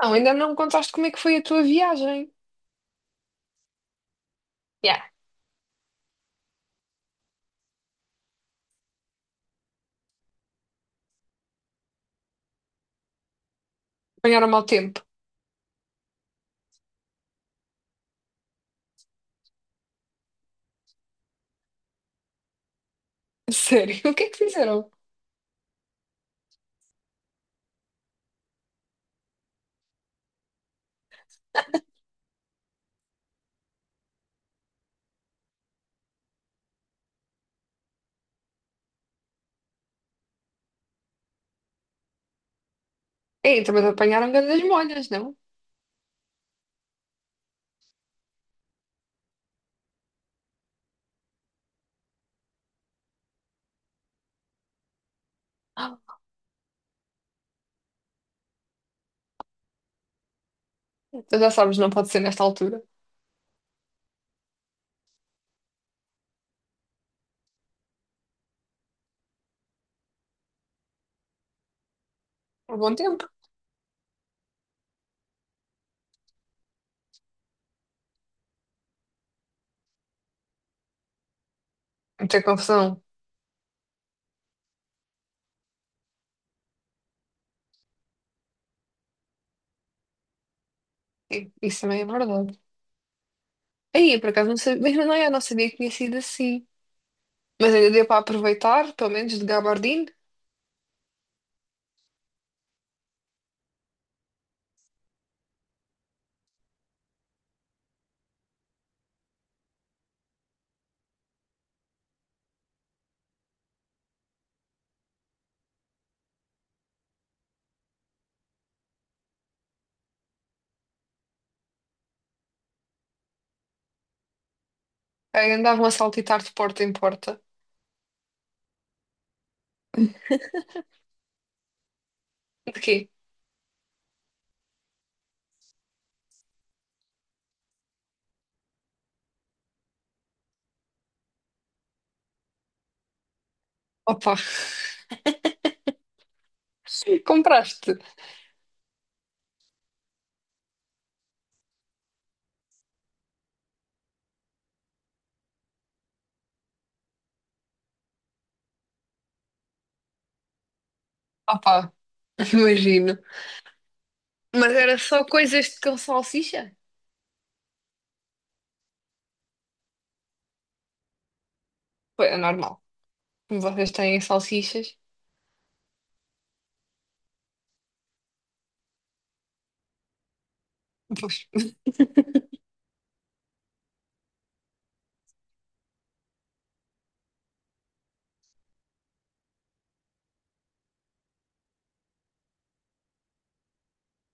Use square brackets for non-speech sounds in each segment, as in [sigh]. Não, ainda não me contaste como é que foi a tua viagem. Yeah. Apanharam mau tempo. [laughs] Sério, o que é que fizeram? Ei, também te apanharam grandes molhas, não? [gasps] Ah, tu já sabes, não pode ser nesta altura. Por bom tempo. Muita confusão. Sim, isso também é verdade. Aí, por acaso, não sabia, mas não, eu não sabia que tinha sido assim. Mas ainda deu para aproveitar, pelo menos de gabardine. Aí andavam a saltitar de porta em porta. De quê? Opa, [laughs] compraste. Opa, imagino. Mas era só coisas de com salsicha? Foi anormal. Como vocês têm salsichas, pois,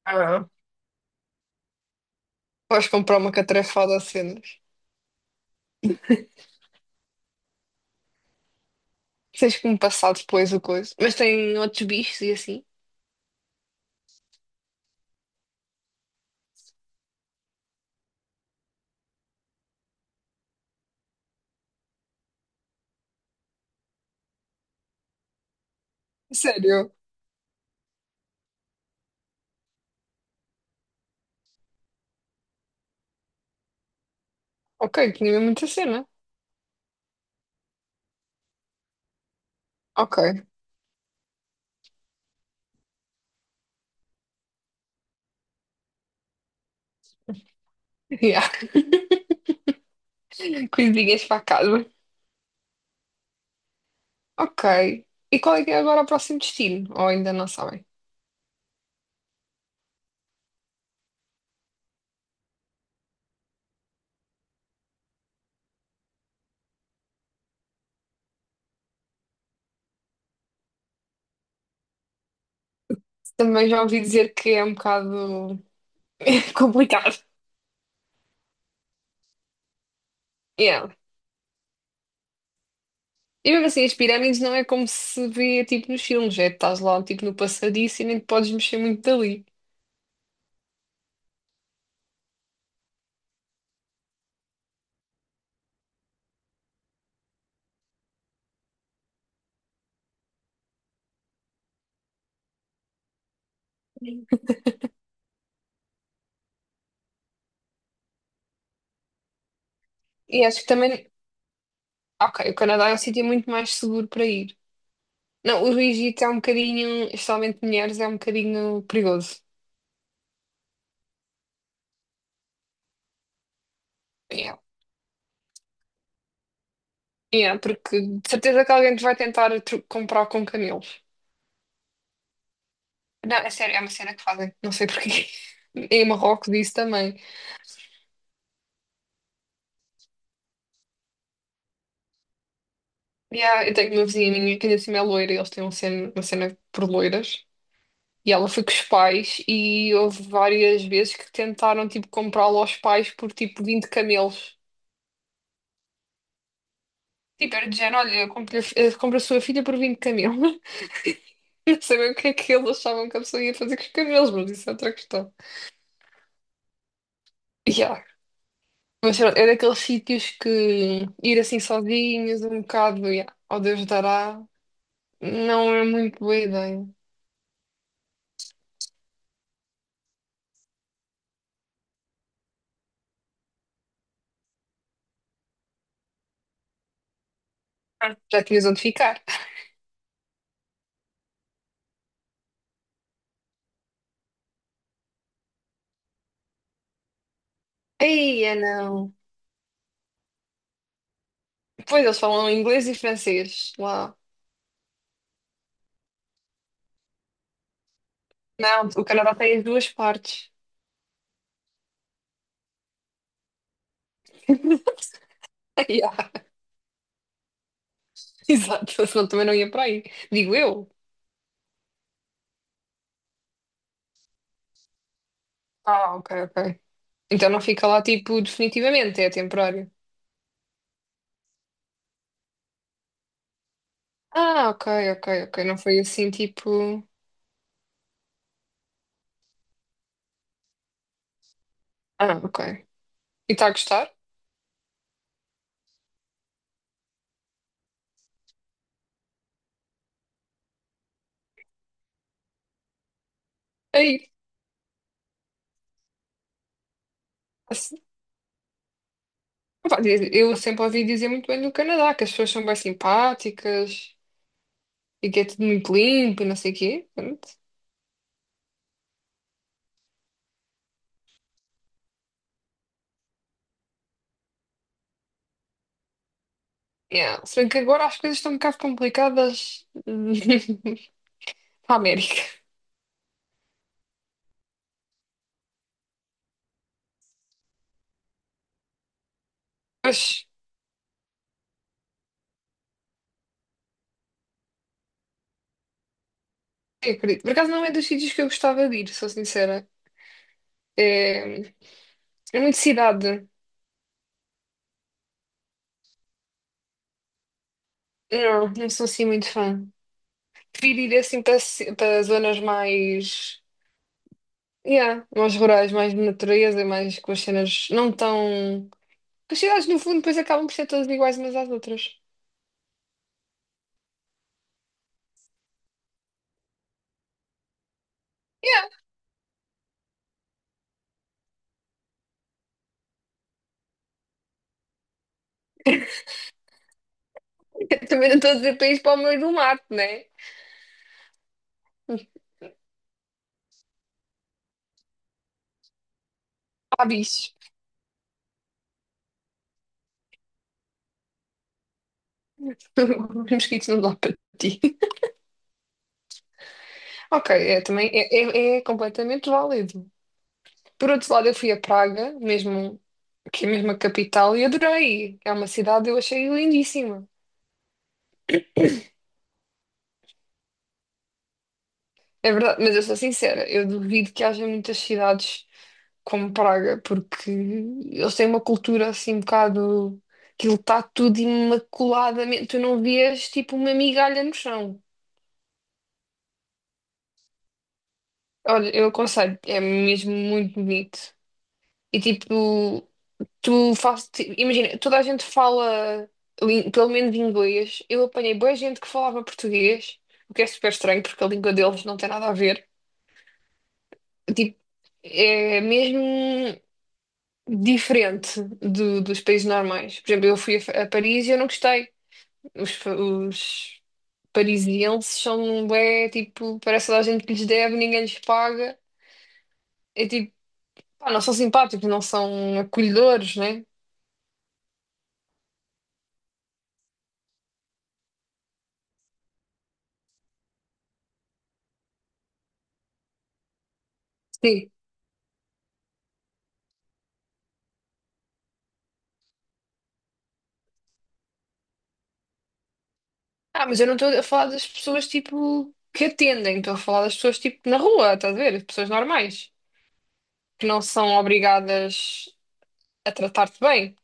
ah, podes comprar uma catrafada a cenas. Tens que me passar depois o coisa. Mas tem outros bichos e assim. Sério? Ok, tinha mesmo muita cena. Ok. Yeah. [laughs] Coisinhas para casa. Ok. E qual é que é agora o próximo destino? Ou ainda não sabem? Também já ouvi dizer que é um bocado [laughs] complicado. Yeah. E mesmo assim, as pirâmides não é como se vê tipo nos filmes, é estás lá tipo no passadiço e nem te podes mexer muito dali. E acho que também. Ok, o Canadá é um sítio muito mais seguro para ir. Não, o Egito é um bocadinho, especialmente mulheres, é um bocadinho perigoso. Yeah. Yeah, porque de certeza que alguém te vai tentar comprar com camelos. Não, é sério, é uma cena que fazem, não sei porquê. [laughs] Em Marrocos isso também. Yeah, eu tenho uma vizinha minha que ainda assim é loira e eles têm uma cena por loiras. E ela foi com os pais e houve várias vezes que tentaram tipo comprá-la aos pais por tipo 20 camelos. Tipo, era de género, olha, compra a sua filha por 20 camelos. Eu sabia o que é que eles achavam que a pessoa ia fazer com os cabelos, mas isso é outra questão. Yeah. Mas pronto, é daqueles sítios que ir assim sozinhos, um bocado, yeah, ao Deus dará, não é muito boa ideia. Ah, já tinhas onde ficar. Ei é não. Pois eles falam inglês e francês lá. Não, o Canadá tem as duas partes. [laughs] Yeah, exato, senão também não ia para aí. Digo eu. Ah, ok. Então não fica lá tipo definitivamente, é temporário. Ah, ok. Não foi assim tipo. Ah, ok. E está a gostar? Aí. Assim, pá, eu sempre ouvi dizer muito bem do Canadá, que as pessoas são bem simpáticas e que é tudo muito limpo e não sei o quê. Pronto. Yeah. Se bem que agora as coisas estão um bocado complicadas [laughs] para a América. Mas eu acredito. Por acaso não é dos sítios que eu gostava de ir, sou sincera. É, é muito cidade. Não, não sou assim muito fã. Prefiro ir assim para, para zonas mais. Yeah, mais rurais, mais de natureza, mais com as cenas não tão. Que as cidades, no fundo, depois acabam por ser todas iguais umas às outras. Yeah. [laughs] Também não estou a dizer para ir para o meio do mato, né? Há bichos. [laughs] Os mosquitos não dá para ti. Ok, também é completamente válido. Por outro lado, eu fui a Praga, mesmo, que é mesmo a capital, e adorei. É uma cidade, eu achei lindíssima. É verdade, mas eu sou sincera, eu duvido que haja muitas cidades como Praga, porque eles têm uma cultura assim um bocado. Aquilo está tudo imaculadamente. Tu não vias tipo uma migalha no chão. Olha, eu aconselho, é mesmo muito bonito. E tipo, tu fazes. Imagina, toda a gente fala pelo menos inglês. Eu apanhei boa gente que falava português, o que é super estranho porque a língua deles não tem nada a ver. Tipo, é mesmo diferente dos países normais. Por exemplo, eu fui a, a Paris e eu não gostei. Os, os parisienses são bem, tipo, parece toda a gente que lhes deve, ninguém lhes paga. É tipo, pá, não são simpáticos, não são acolhedores, né? Sim. Ah, mas eu não estou a falar das pessoas, tipo, que atendem. Estou a falar das pessoas, tipo, na rua, estás a ver? As pessoas normais, que não são obrigadas a tratar-te bem.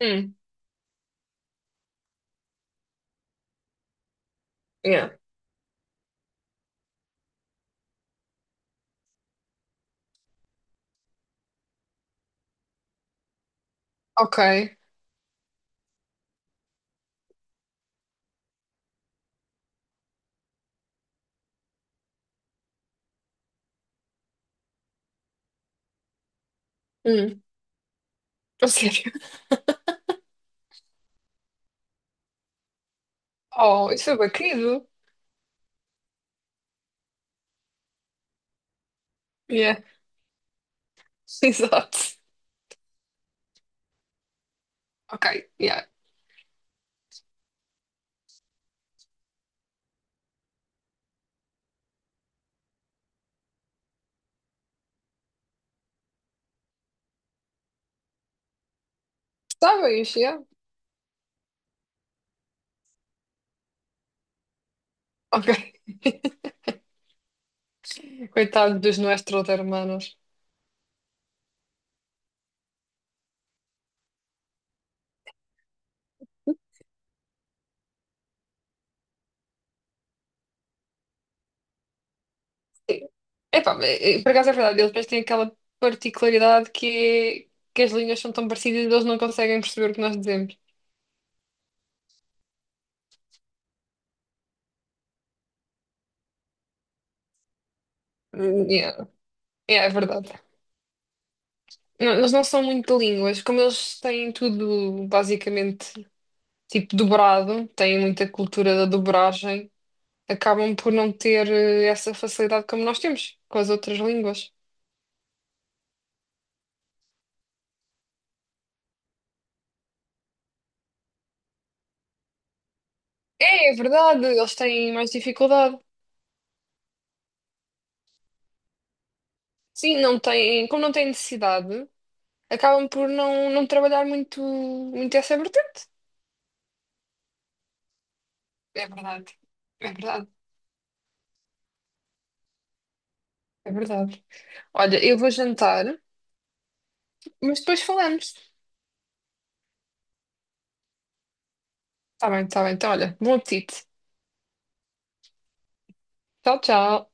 Hum, yeah. Ok. Hum, a sério. [laughs] Oh, isso foi bem querido. [laughs] Exato. Ok, yeah. Está bem, yeah. Ok. Coitado dos nossos hermanos. Sim. Epá, mas, por acaso é verdade, eles depois têm aquela particularidade que, que as linhas são tão parecidas e eles não conseguem perceber o que nós dizemos. Yeah. Yeah, é verdade. Não, eles não são muito de línguas, como eles têm tudo basicamente tipo dobrado, têm muita cultura da dobragem, acabam por não ter essa facilidade como nós temos com as outras línguas. É, é verdade, eles têm mais dificuldade. Sim, não têm, como não têm necessidade, acabam por não, não trabalhar muito essa vertente. É verdade, é verdade, é verdade. Olha, eu vou jantar, mas depois falamos. Tá bem. Então, olha, bom apetite. Tchau, tchau.